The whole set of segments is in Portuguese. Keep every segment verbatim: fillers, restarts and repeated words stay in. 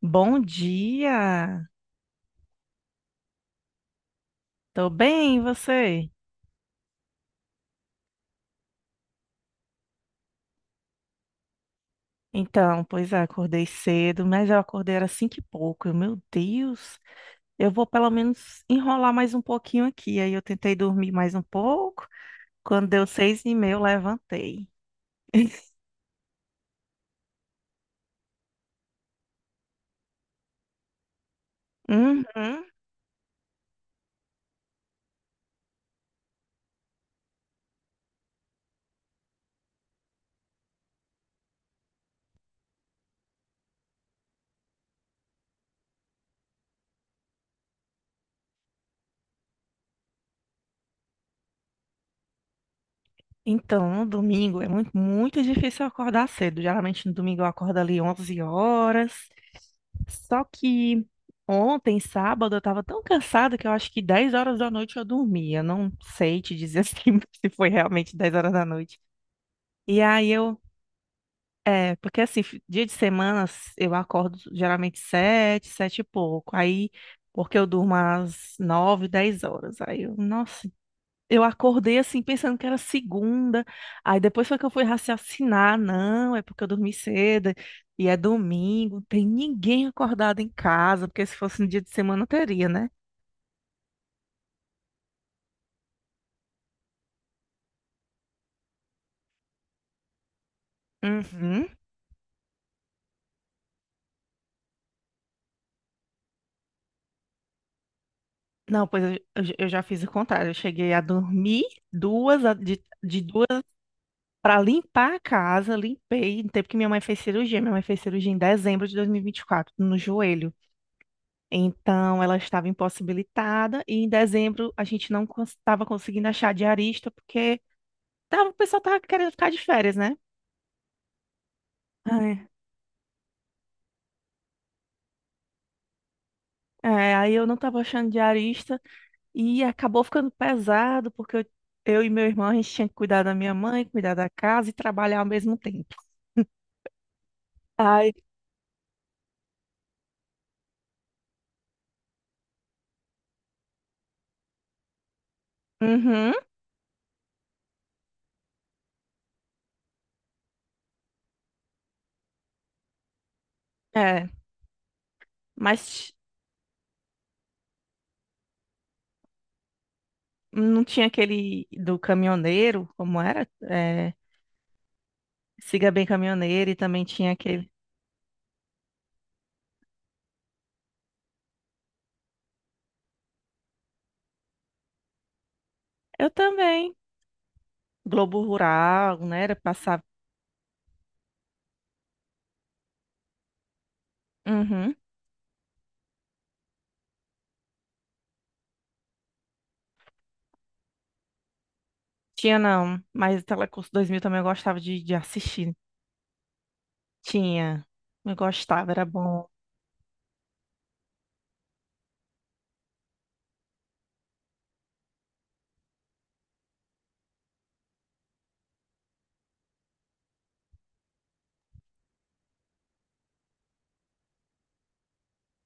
Bom dia! Tô bem, e você? Então, pois é, acordei cedo, mas eu acordei era cinco e pouco. Eu, meu Deus, eu vou pelo menos enrolar mais um pouquinho aqui. Aí eu tentei dormir mais um pouco. Quando deu seis e meia, eu levantei. Uhum. Então, no domingo é muito, muito difícil eu acordar cedo. Geralmente no domingo eu acordo ali onze horas. Só que ontem, sábado, eu tava tão cansada que eu acho que dez horas da noite eu dormia. Não sei te dizer assim se foi realmente dez horas da noite. E aí eu. É, porque assim, fi- dia de semana s- eu acordo geralmente sete sete e pouco. Aí, porque eu durmo às nove dez horas. Aí eu, nossa, eu acordei assim, pensando que era segunda. Aí depois foi que eu fui raciocinar. Não, é porque eu dormi cedo e é domingo. Tem ninguém acordado em casa, porque se fosse no dia de semana teria, né? Uhum. Não, pois eu, eu já eu já fiz o contrário. Eu cheguei a dormir duas, a- de, de duas para limpar a casa. Limpei no tempo que minha mãe fez cirurgia. Minha mãe fez cirurgia em dezembro de dois mil e vinte e quatro, no joelho. Então, ela estava impossibilitada e em dezembro a gente não estava conseguindo achar diarista porque tava, o pessoal estava querendo ficar de férias, né? Ai, é, aí eu não estava achando diarista e acabou ficando pesado porque eu, eu e meu irmão a gente tinha que cuidar da minha mãe, cuidar da casa e trabalhar ao mesmo tempo. Ai, uhum, é, mas não tinha aquele do caminhoneiro, como era? É, siga bem caminhoneiro e também tinha aquele. Eu também. Globo Rural, né? Era passava. Uhum. Tinha não, mas o Telecurso dois mil também eu gostava de, de assistir. Tinha. Eu gostava, era bom.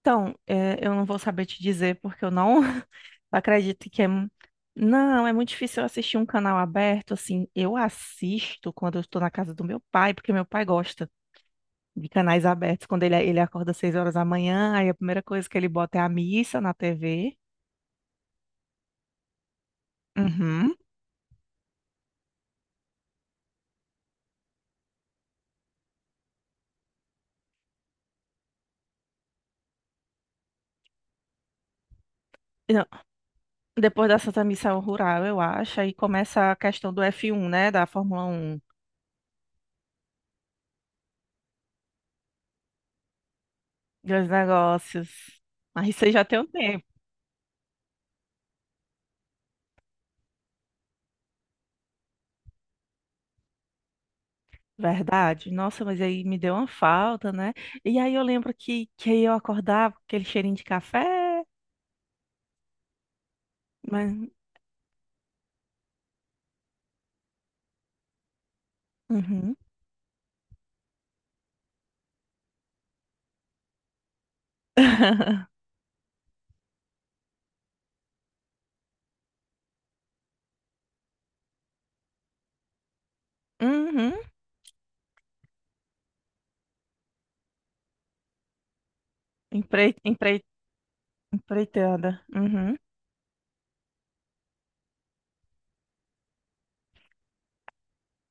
Então, é, eu não vou saber te dizer porque eu não acredito que é. mu- Não, é muito difícil eu assistir um canal aberto, assim. Eu assisto quando eu estou na casa do meu pai, porque meu pai gosta de canais abertos. Quando ele, ele acorda às seis horas da manhã, aí a primeira coisa que ele bota é a missa na T V. Uhum. Depois da Santa Missão Rural, eu acho, aí começa a questão do F um, né? Da Fórmula um, dos negócios. Mas isso aí você já tem um tempo, verdade? Nossa, mas aí me deu uma falta, né? E aí eu lembro que, que aí eu acordava com aquele cheirinho de café, mas. Uhum. Uhum. Empre, empre, Empreitada. Uhum.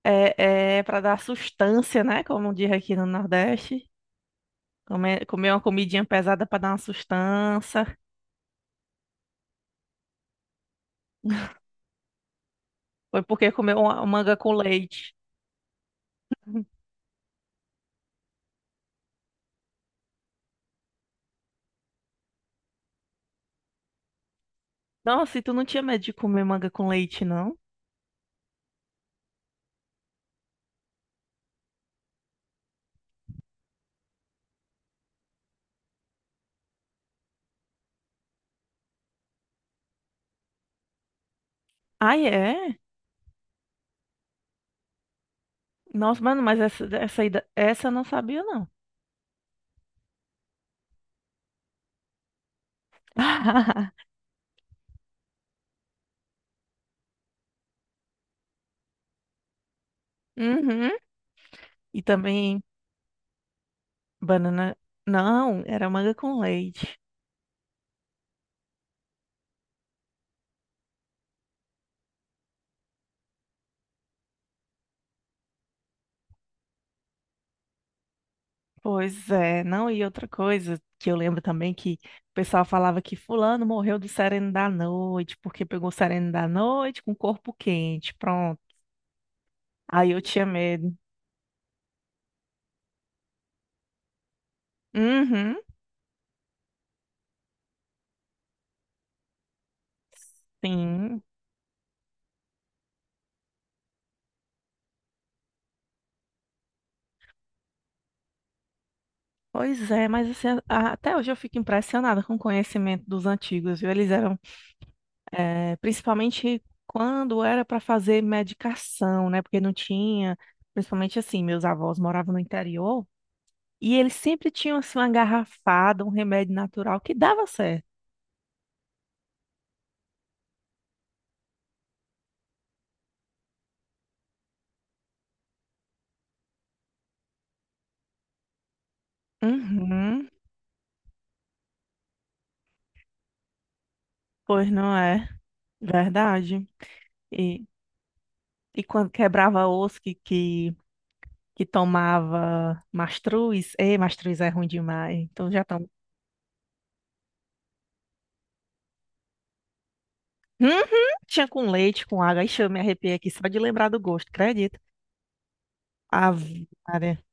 É, é para dar sustância, né? Como diz aqui no Nordeste. Comer, comer uma comidinha pesada para dar uma sustância. Foi porque comeu uma- manga com leite. Nossa, e tu não tinha medo de comer manga com leite, não? Ai, é? Nossa, mano, mas essa, essa, aí da- essa eu não sabia, não. Uhum. E também banana. Não, era manga com leite. Pois é, não, e outra coisa que eu lembro também que o pessoal falava que fulano morreu do sereno da noite, porque pegou o sereno da noite com o corpo quente, pronto. Aí eu tinha medo. Uhum, sim. Pois é, mas assim, a- até hoje eu fico impressionada com o conhecimento dos antigos, viu? Eles eram, eh, principalmente quando era para fazer medicação, né? Porque não tinha, principalmente assim, meus avós moravam no interior e eles sempre tinham assim uma garrafada, um remédio natural que dava certo. Uhum, pois não é, verdade. E, e quando quebrava osso que, que, que tomava mastruz, ei, mastruz é ruim demais. Então já uhum, tinha com leite, com água. Ixi, eu me arrepiei aqui só de lembrar do gosto, acredito. Ave Maria.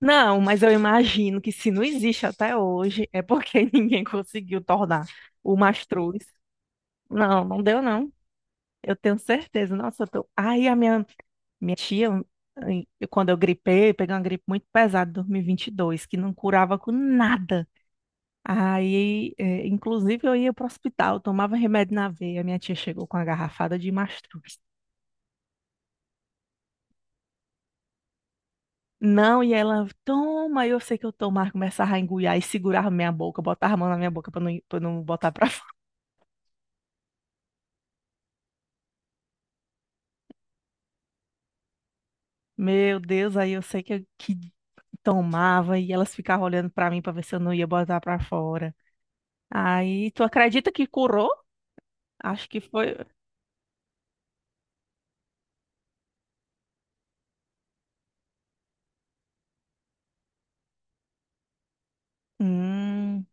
Não, mas eu imagino que se não existe até hoje, é porque ninguém conseguiu tornar o mastruz. Não, não deu não. Eu tenho certeza. Nossa, eu tô. Aí a minha, minha tia, em- quando eu gripei, eu peguei uma gripe muito pesada em dois mil e vinte e dois, que não curava com nada. Aí, eh, inclusive, eu ia para o hospital, tomava remédio na veia. Minha tia chegou com a garrafada de mastruz. Não, e ela, toma, eu sei que eu tomo, ela começava a engolir e segurava minha boca, botava a mão na minha boca pra não, pra não botar pra fora. Meu Deus, aí eu sei que, eu- que tomava e elas ficavam olhando pra mim pra ver se eu não ia botar pra fora. Aí, tu acredita que curou? Acho que foi. Hum.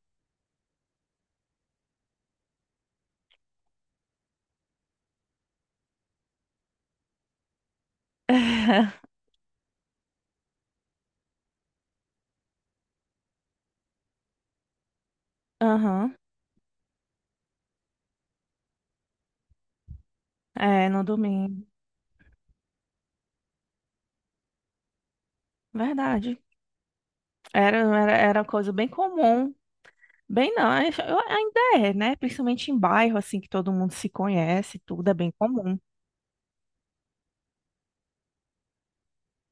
Aham. É, no domingo. Verdade. Era, era, era uma coisa bem comum. Bem, não, eu- eu- ainda é, né? Principalmente em bairro, assim, que todo mundo se conhece, tudo é bem comum.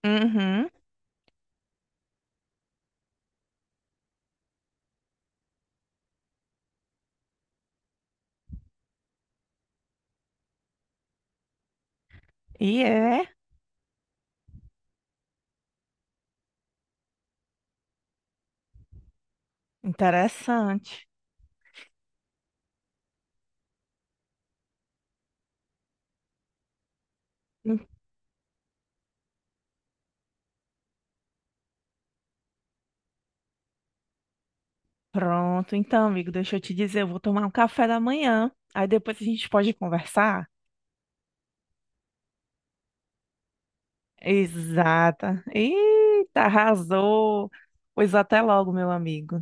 Uhum. E é interessante. Hum, Pronto, então, amigo, deixa eu te dizer, eu vou tomar um café da manhã. Aí depois a gente pode conversar. Exata. Eita, arrasou. Pois até logo, meu amigo.